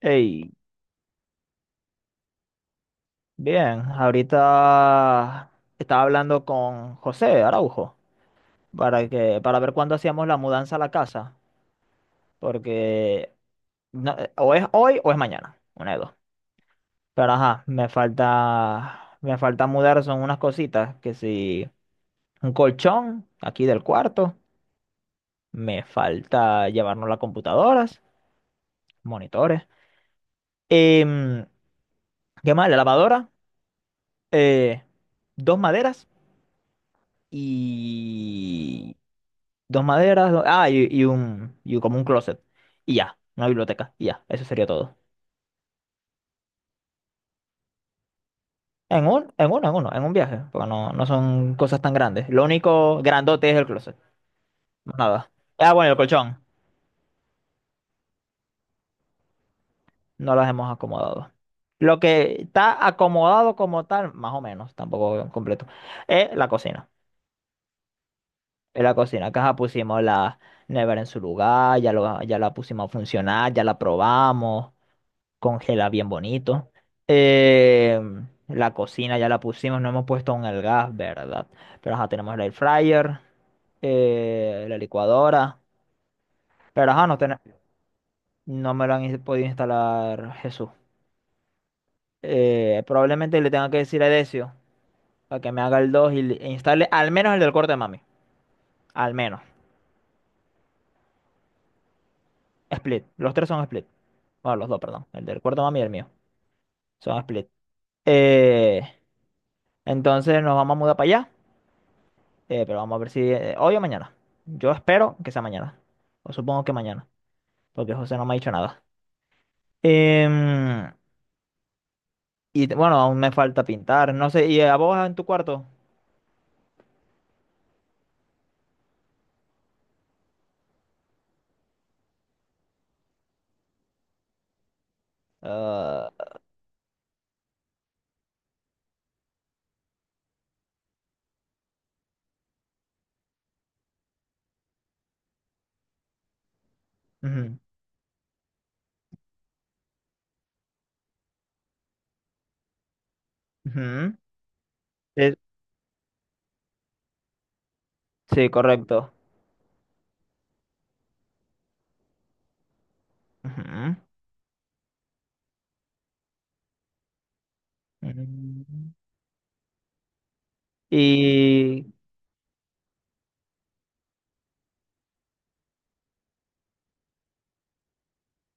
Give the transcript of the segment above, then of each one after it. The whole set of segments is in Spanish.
Hey, bien, ahorita estaba hablando con José Araujo para ver cuándo hacíamos la mudanza a la casa, porque o es hoy o es mañana, una de dos. Pero ajá, me falta mudar, son unas cositas, que si un colchón aquí del cuarto, me falta llevarnos las computadoras, monitores, em, ¿qué más? La lavadora, eh, dos maderas y dos maderas, y un, y como un closet. Y ya, una biblioteca, y ya, eso sería todo. En un, en uno, en uno, en un viaje, porque no son cosas tan grandes. Lo único grandote es el closet, más nada. Ah, bueno, el colchón, no las hemos acomodado. Lo que está acomodado como tal, más o menos, tampoco completo, es la cocina. Es la cocina, que ajá, pusimos la nevera en su lugar, ya, ya la pusimos a funcionar, ya la probamos. Congela bien bonito. Eh, la cocina ya la pusimos, no hemos puesto aún el gas, ¿verdad? Pero ajá, tenemos el air fryer, la licuadora. Pero ajá, no me lo han ins- podido instalar Jesús. Probablemente le tenga que decir a Decio para que me haga el 2 e instale al menos el del corte de mami. Al menos. Split. Los tres son split. Bueno, los dos, perdón. El del cuarto de mami y el mío. Son split. Eh, entonces nos vamos a mudar para allá. Pero vamos a ver si hoy o mañana. Yo espero que sea mañana. O supongo que mañana, porque José no me ha dicho nada. Em, bueno, aún me falta pintar. No sé, ¿y a vos en tu cuarto? Ah, ujú, ujú. Eh, Sí, correcto. Ujú. Mm. Y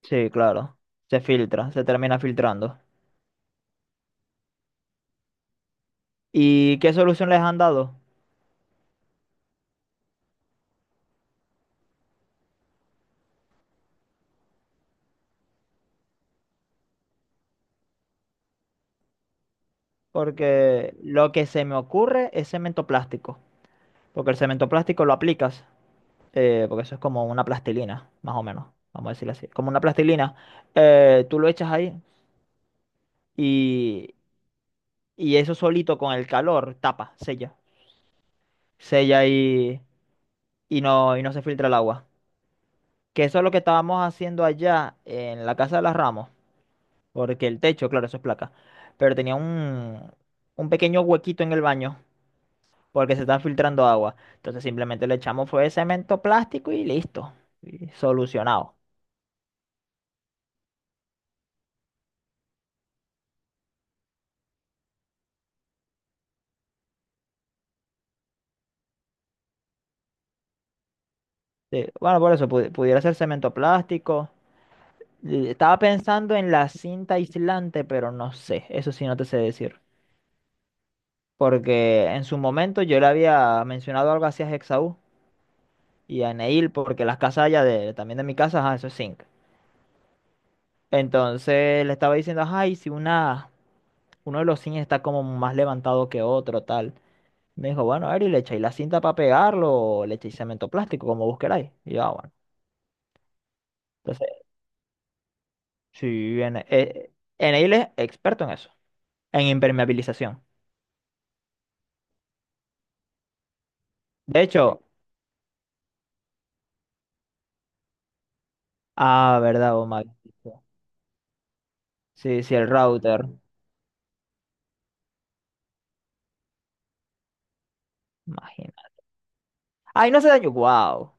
sí, claro, se filtra, se termina filtrando. ¿Y qué solución les han dado? Porque lo que se me ocurre es cemento plástico, porque el cemento plástico lo aplicas. Porque eso es como una plastilina, más o menos, vamos a decirlo así. Como una plastilina, tú lo echas ahí y, y eso solito con el calor tapa, sella, sella y no se filtra el agua. Que eso es lo que estábamos haciendo allá en la casa de las Ramos, porque el techo, claro, eso es placa, pero tenía un pequeño huequito en el baño porque se está filtrando agua. Entonces simplemente le echamos fue cemento plástico y listo, y solucionado. Sí, bueno, por eso pudiera ser cemento plástico. Y estaba pensando en la cinta aislante, pero no sé, eso sí no te sé decir. Porque en su momento yo le había mencionado algo así a Hexaú y a Neil, porque las casas allá también de mi casa, ajá, eso es zinc. Entonces le estaba diciendo, ajá, si una, uno de los zinc está como más levantado que otro, tal. Me dijo, bueno, Ari, le echáis la cinta para pegarlo, o le echáis cemento plástico, como vos queráis. Y yo, ah, bueno. Entonces, sí, en, eh, Neil es experto en eso. En impermeabilización. De hecho, ah, verdad, oh, maldito. Sí, sí, el router. Imagínate. Ay, no se dañó. Wow.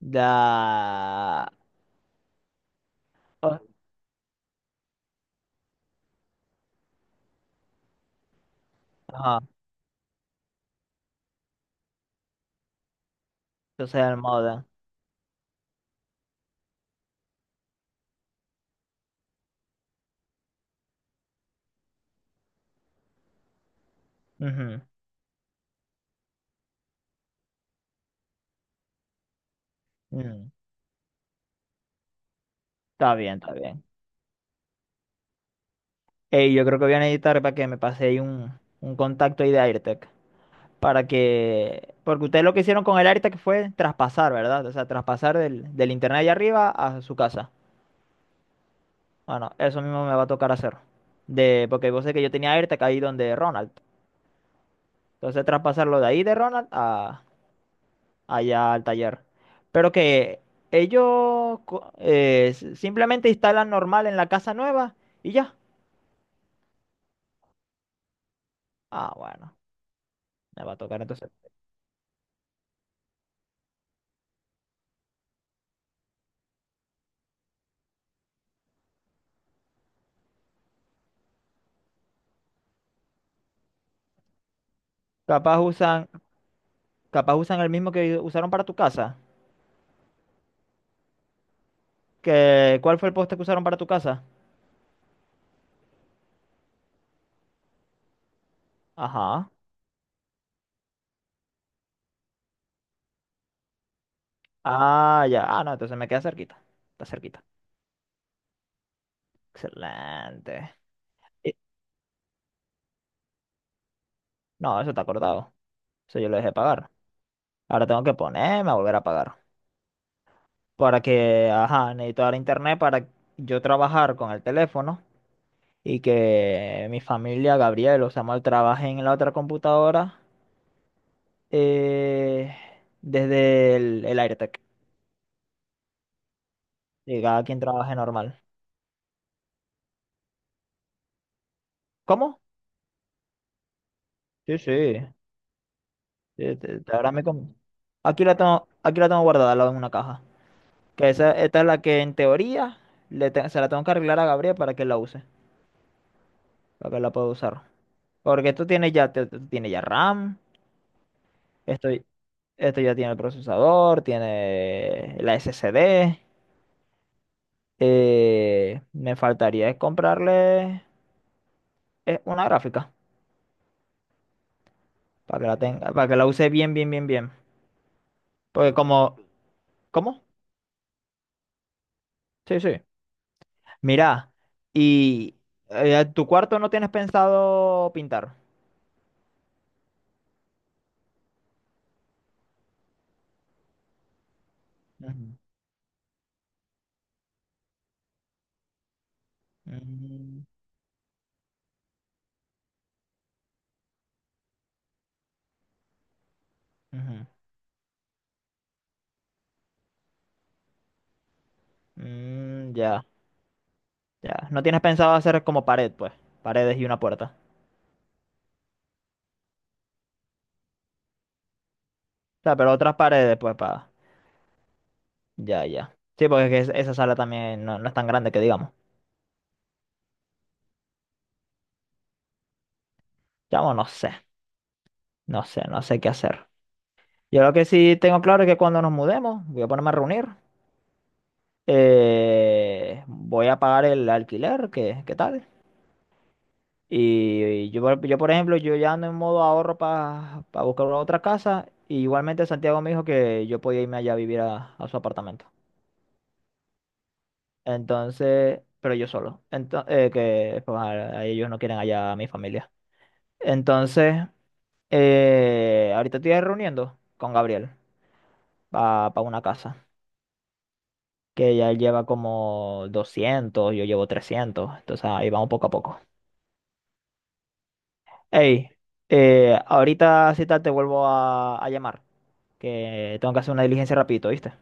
Da. Oh, ajá. Entonces el modem. Ujú, mm, está bien, está bien. Ey, yo creo que voy a necesitar para que me pase ahí un contacto ahí de AirTech. Para que. Porque ustedes lo que hicieron con el AirTech fue traspasar, ¿verdad? O sea, traspasar del internet allá arriba a su casa. Bueno, eso mismo me va a tocar hacer. De... Porque vos sé que yo tenía AirTech ahí donde Ronald. Entonces traspasarlo de ahí de Ronald a allá al taller. Pero que simplemente instalan normal en la casa nueva y ya. Ah, bueno, me va a tocar entonces. Capaz usan, capaz usan el mismo que usaron para tu casa. ¿Que cuál fue el poste que usaron para tu casa? Ajá. Ah, ya. Ah, no, entonces me queda cerquita. Está cerquita. Excelente. Y- No, eso está acordado. Eso yo lo dejé pagar. Ahora tengo que ponerme a volver a pagar. Para que, ajá, necesito dar internet para yo trabajar con el teléfono y que mi familia, Gabriel o Samuel, trabajen en la otra computadora, eh, desde el AirTag. Y cada quien trabaje normal. ¿Cómo? Sí, sí. Sí, te- te- ahora me com- aquí la tengo guardada, al lado en una caja. Que esa, esta es la que en teoría se la tengo que arreglar a Gabriel para que la use, para que la pueda usar. Porque esto tiene ya, tiene ya RAM. Esto ya tiene el procesador, tiene la SSD. Me faltaría es comprarle una gráfica para que la tenga, para que la use bien, bien, bien, bien. Porque como, ¿Cómo? Sí, sí. Mira, y tu cuarto no tienes pensado pintar. Ujú, ujú, ujú. Mm, ya, ya. No tienes pensado hacer como pared, pues. Paredes y una puerta. O sea, pero otras paredes, pues, para. Ya, ya. Sí, porque esa sala también no es tan grande que digamos. Chamo, no sé, no sé qué hacer. Yo lo que sí tengo claro es que cuando nos mudemos, voy a ponerme a reunir, voy a pagar el alquiler, que, ¿qué tal? Y, yo, por ejemplo, yo ya ando en modo ahorro para buscar otra casa. Y igualmente Santiago me dijo que yo podía irme allá a vivir a su apartamento. Entonces, pero yo solo. Entonces, que pues, a ellos no quieren allá a mi familia. Entonces, ahorita estoy reuniendo con Gabriel para una casa. Que ya él lleva como 200, yo llevo 300, entonces ahí vamos poco a poco. Hey, ahorita si tal te vuelvo a llamar, que tengo que hacer una diligencia rapidito, ¿viste?